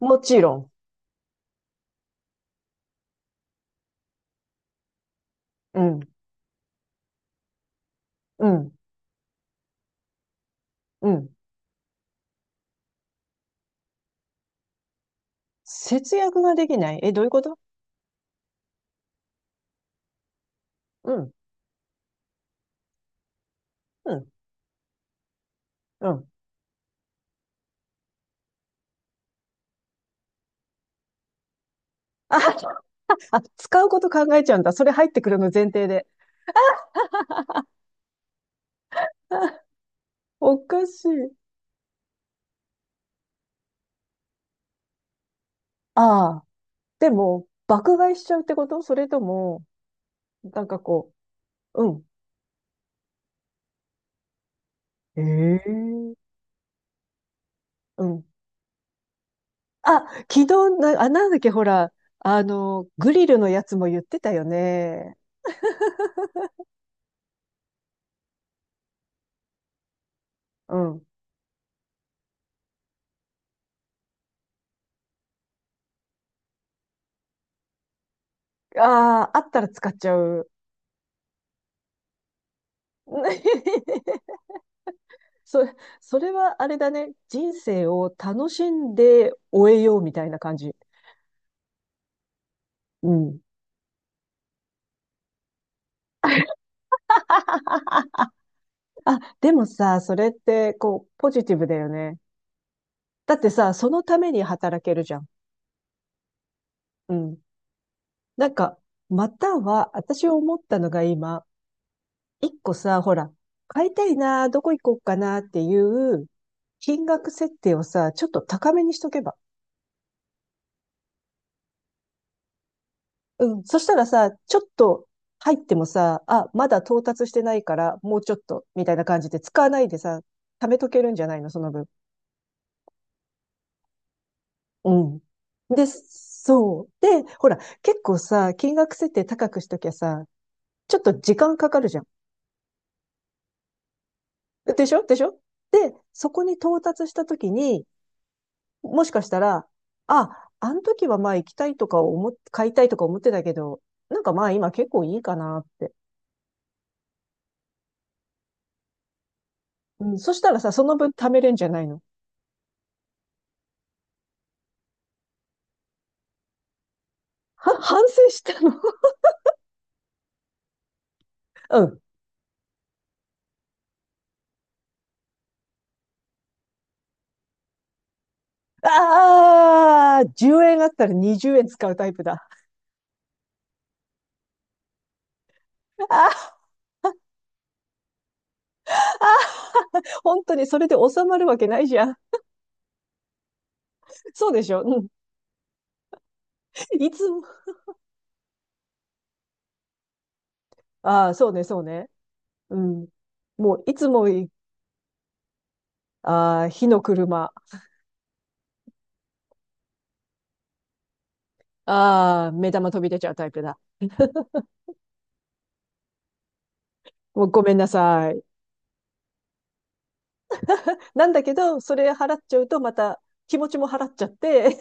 もちろん。うん、うん、うん。節約ができない。え、どういうこと？うん、うん、うん。あ、使うこと考えちゃうんだ。それ入ってくるの前提で。あおかしい。ああ、でも、爆買いしちゃうってこと？それとも、なんかこう、うん。ええ。うん。あ、昨日な、あ、なんだっけ、ほら、グリルのやつも言ってたよね。うん。ああ、あったら使っちゃう。それ、それはあれだね。人生を楽しんで終えようみたいな感じ。うん。あ、でもさ、それって、こう、ポジティブだよね。だってさ、そのために働けるじゃん。うん。なんか、または、私思ったのが今、一個さ、ほら、買いたいな、どこ行こうかなっていう、金額設定をさ、ちょっと高めにしとけば。うん。そしたらさ、ちょっと入ってもさ、あ、まだ到達してないから、もうちょっと、みたいな感じで使わないでさ、貯めとけるんじゃないの、その分。うん。で、そう。で、ほら、結構さ、金額設定高くしときゃさ、ちょっと時間かかるじゃん。でしょ？でしょ？で、そこに到達したときに、もしかしたら、あ、あの時はまあ行きたいとか買いたいとか思ってたけど、なんかまあ今結構いいかなって。うん、そしたらさ、その分貯めれんじゃないの？は反省したの？ うん。ああ、10円あったら20円使うタイプだ。ああ、本当にそれで収まるわけないじゃん。そうでしょ？うん。いつも、ああ、そうね。うん。もう、いつも。ああ、火の車。ああ、目玉飛び出ちゃうタイプだ。もうごめんなさい。なんだけど、それ払っちゃうとまた気持ちも払っちゃって、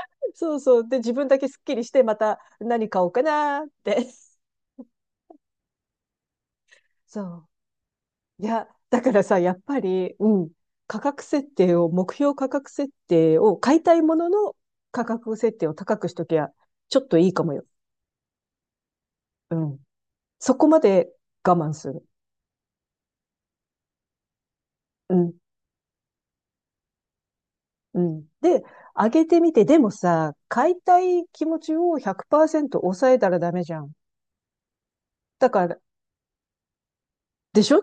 そう。で、自分だけスッキリして、また何買おうかなって。そう。いや、だからさ、やっぱり、うん、価格設定を、目標価格設定を買いたいものの価格設定を高くしときゃ、ちょっといいかもよ。うん。そこまで我慢する。うん、うん。で、上げてみて、でもさ、買いたい気持ちを100%抑えたらダメじゃん。だから、でしょ？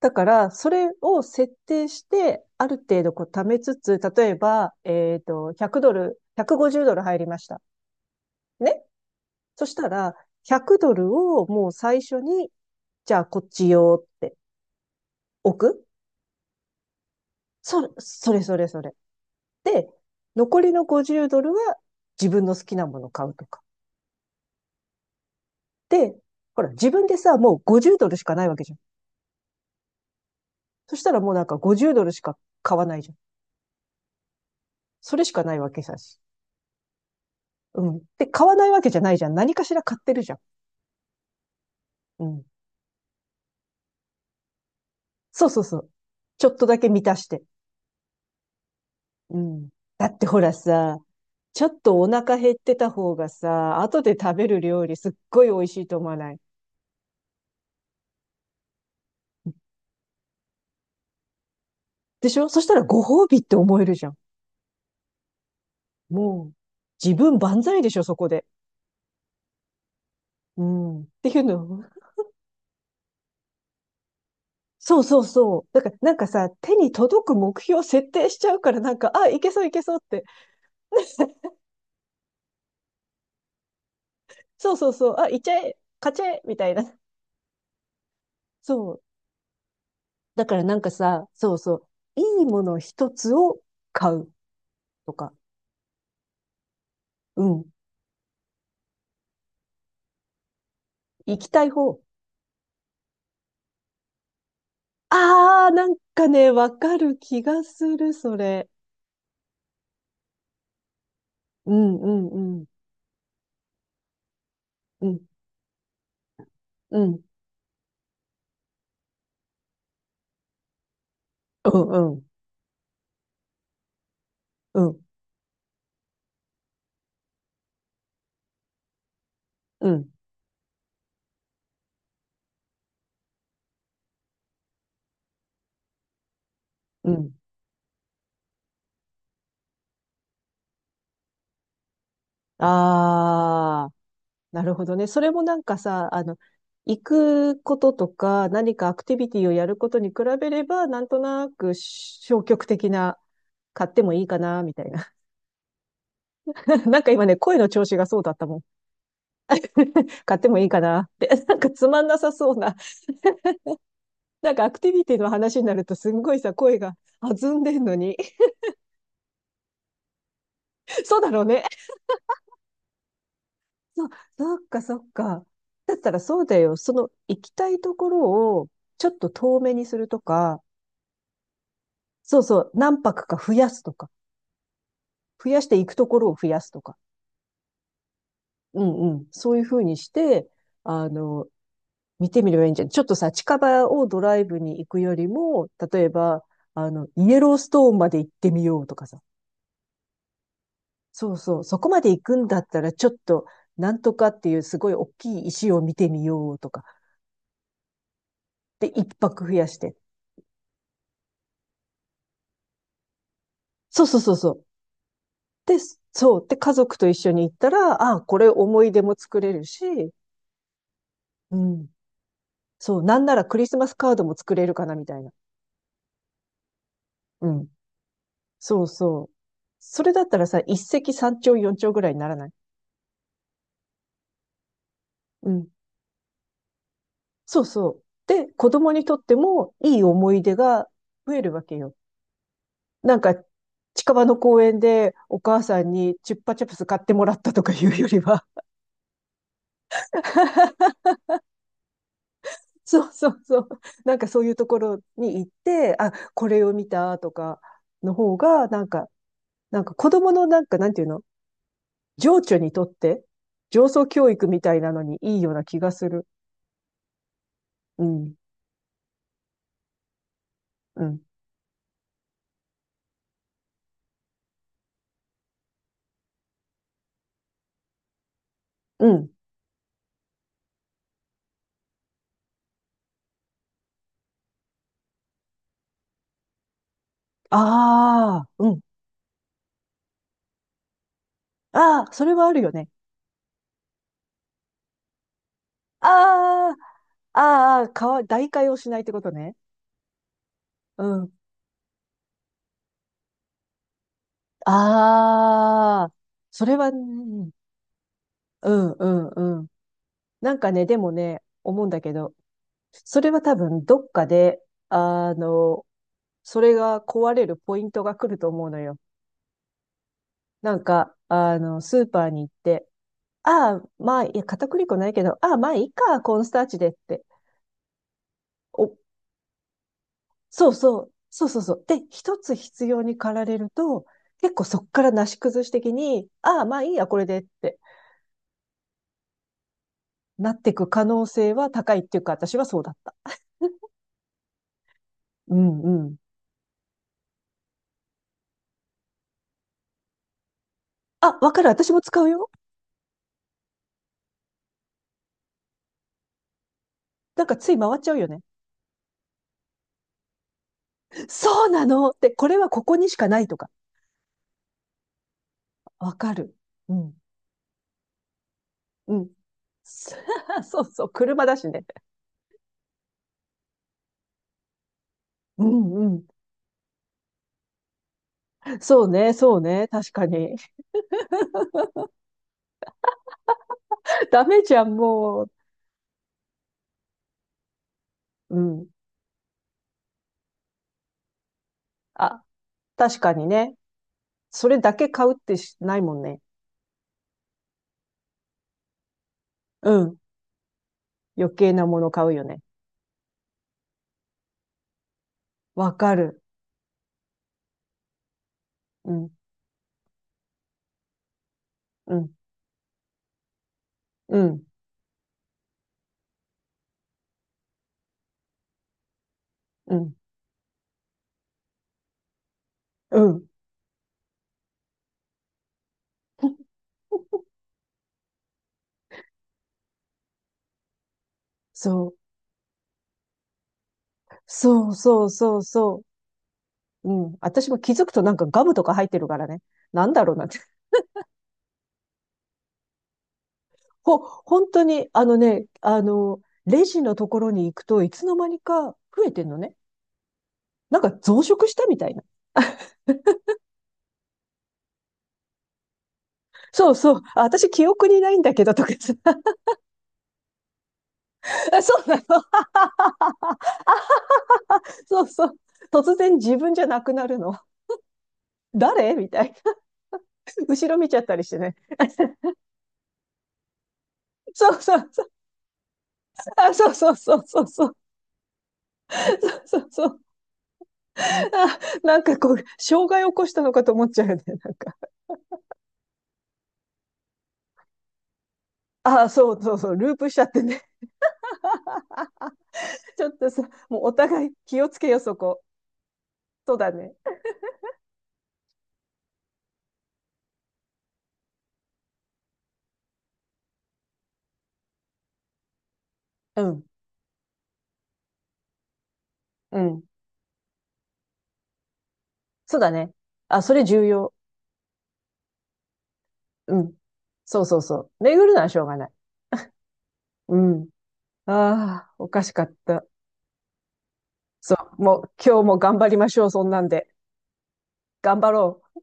だから、それを設定して、ある程度こう貯めつつ、例えば、えっと、100ドル、150ドル入りました。ね？そしたら、100ドルをもう最初に、じゃあこっちよって置く。それそれそれ。で、残りの50ドルは自分の好きなもの買うとか。で、ほら、自分でさ、もう50ドルしかないわけじゃん。そしたらもうなんか50ドルしか買わないじゃん。それしかないわけさし。うん。で、買わないわけじゃないじゃん。何かしら買ってるじゃん。うん。そうそうそう。ちょっとだけ満たして。うん。だってほらさ、ちょっとお腹減ってた方がさ、後で食べる料理すっごい美味しいと思わない？でしょ？そしたらご褒美って思えるじゃん。もう、自分万歳でしょ、そこで。うん。っていうの。そうそうそう。だから、なんかさ、手に届く目標を設定しちゃうから、なんか、あ、いけそういけそうって。そうそうそう。あ、いっちゃえ、勝ちゃえ、みたいな。そう。だからなんかさ、そうそう。いいもの一つを買うとか。うん。行きたい方。ああ、なんかね、わかる気がする、それ。うん、うん、うん、うん、うん、うん、うん、うん、うん。ああ、なるほどね。それもなんかさ、行くこととか、何かアクティビティをやることに比べれば、なんとなく消極的な、買ってもいいかな、みたいな。なんか今ね、声の調子がそうだったもん。買ってもいいかなって。なんかつまんなさそうな。なんかアクティビティの話になると、すんごいさ、声が弾んでんのに。そうだろうね。そう、そっかそっか。だったらそうだよ。その行きたいところをちょっと遠めにするとか、そうそう、何泊か増やすとか、増やして行くところを増やすとか。うんうん。そういうふうにして、あの、見てみればいいんじゃない？ちょっとさ、近場をドライブに行くよりも、例えば、イエローストーンまで行ってみようとかさ。そうそう、そこまで行くんだったら、ちょっと、なんとかっていうすごい大きい石を見てみようとか。で、一泊増やして。そうそうそうそう。で、そう。で、家族と一緒に行ったら、あ、これ思い出も作れるし、うん。そう。なんならクリスマスカードも作れるかな、みたいな。うん。そうそう。それだったらさ、一石三鳥四鳥ぐらいにならない？うん。そうそう。で、子供にとってもいい思い出が増えるわけよ。なんか、近場の公園でお母さんにチュッパチャプス買ってもらったとかいうよりは、 そうそうそう。なんかそういうところに行って、あ、これを見たとかの方が、なんか子供のなんか、なんていうの？情緒にとって、情操教育みたいなのにいいような気がする。うん、うん、うん。ああ、うん。ああ、それはあるよね。ああ、代替をしないってことね。うん。ああ、それはね、うん、うん、うん。なんかね、でもね、思うんだけど、それは多分どっかで、あの、それが壊れるポイントが来ると思うのよ。スーパーに行って、ああ、まあ、いや、片栗粉ないけど、ああ、まあいいか、コーンスターチでって。お、そうそうそう。で、一つ必要に駆られると、結構そっからなし崩し的に、ああ、まあいいや、これでってなってく可能性は高いっていうか、私はそうだった。うんうん。あ、わかる、私も使うよ。なんかつい回っちゃうよね。そうなのって、これはここにしかないとか。わかる。うん。うん。そうそう、車だしね。うんうん。そうね。確かに。ダメじゃん、もう。うん。あ、確かにね。それだけ買うってしないもんね。うん。余計なもの買うよね。わかる。うん、うん、うん、うん、うん。そう。そうそうそうそう。うん。私も気づくとなんかガムとか入ってるからね。なんだろうなって。本当に、あのね、あの、レジのところに行くといつの間にか増えてんのね。なんか増殖したみたいな。そうそう。あ、私、記憶にないんだけど、とかさ。あ、そうなの。そうそう。突然自分じゃなくなるの。誰みたいな。後ろ見ちゃったりしてね。そうそうそう。あ、そうそうそうそうそう。そうそう。あ、なんかこう、障害起こしたのかと思っちゃうよね。なんか。あ、そうそうそう。ループしちゃってね。ちょっとさ、もうお互い気をつけよ、そこ。そうだね。うん。うん。そうだね。あ、それ重要。うん。そうそうそう。巡るのはしょうがない。うん。ああ、おかしかった。そう。もう今日も頑張りましょう、そんなんで。頑張ろう。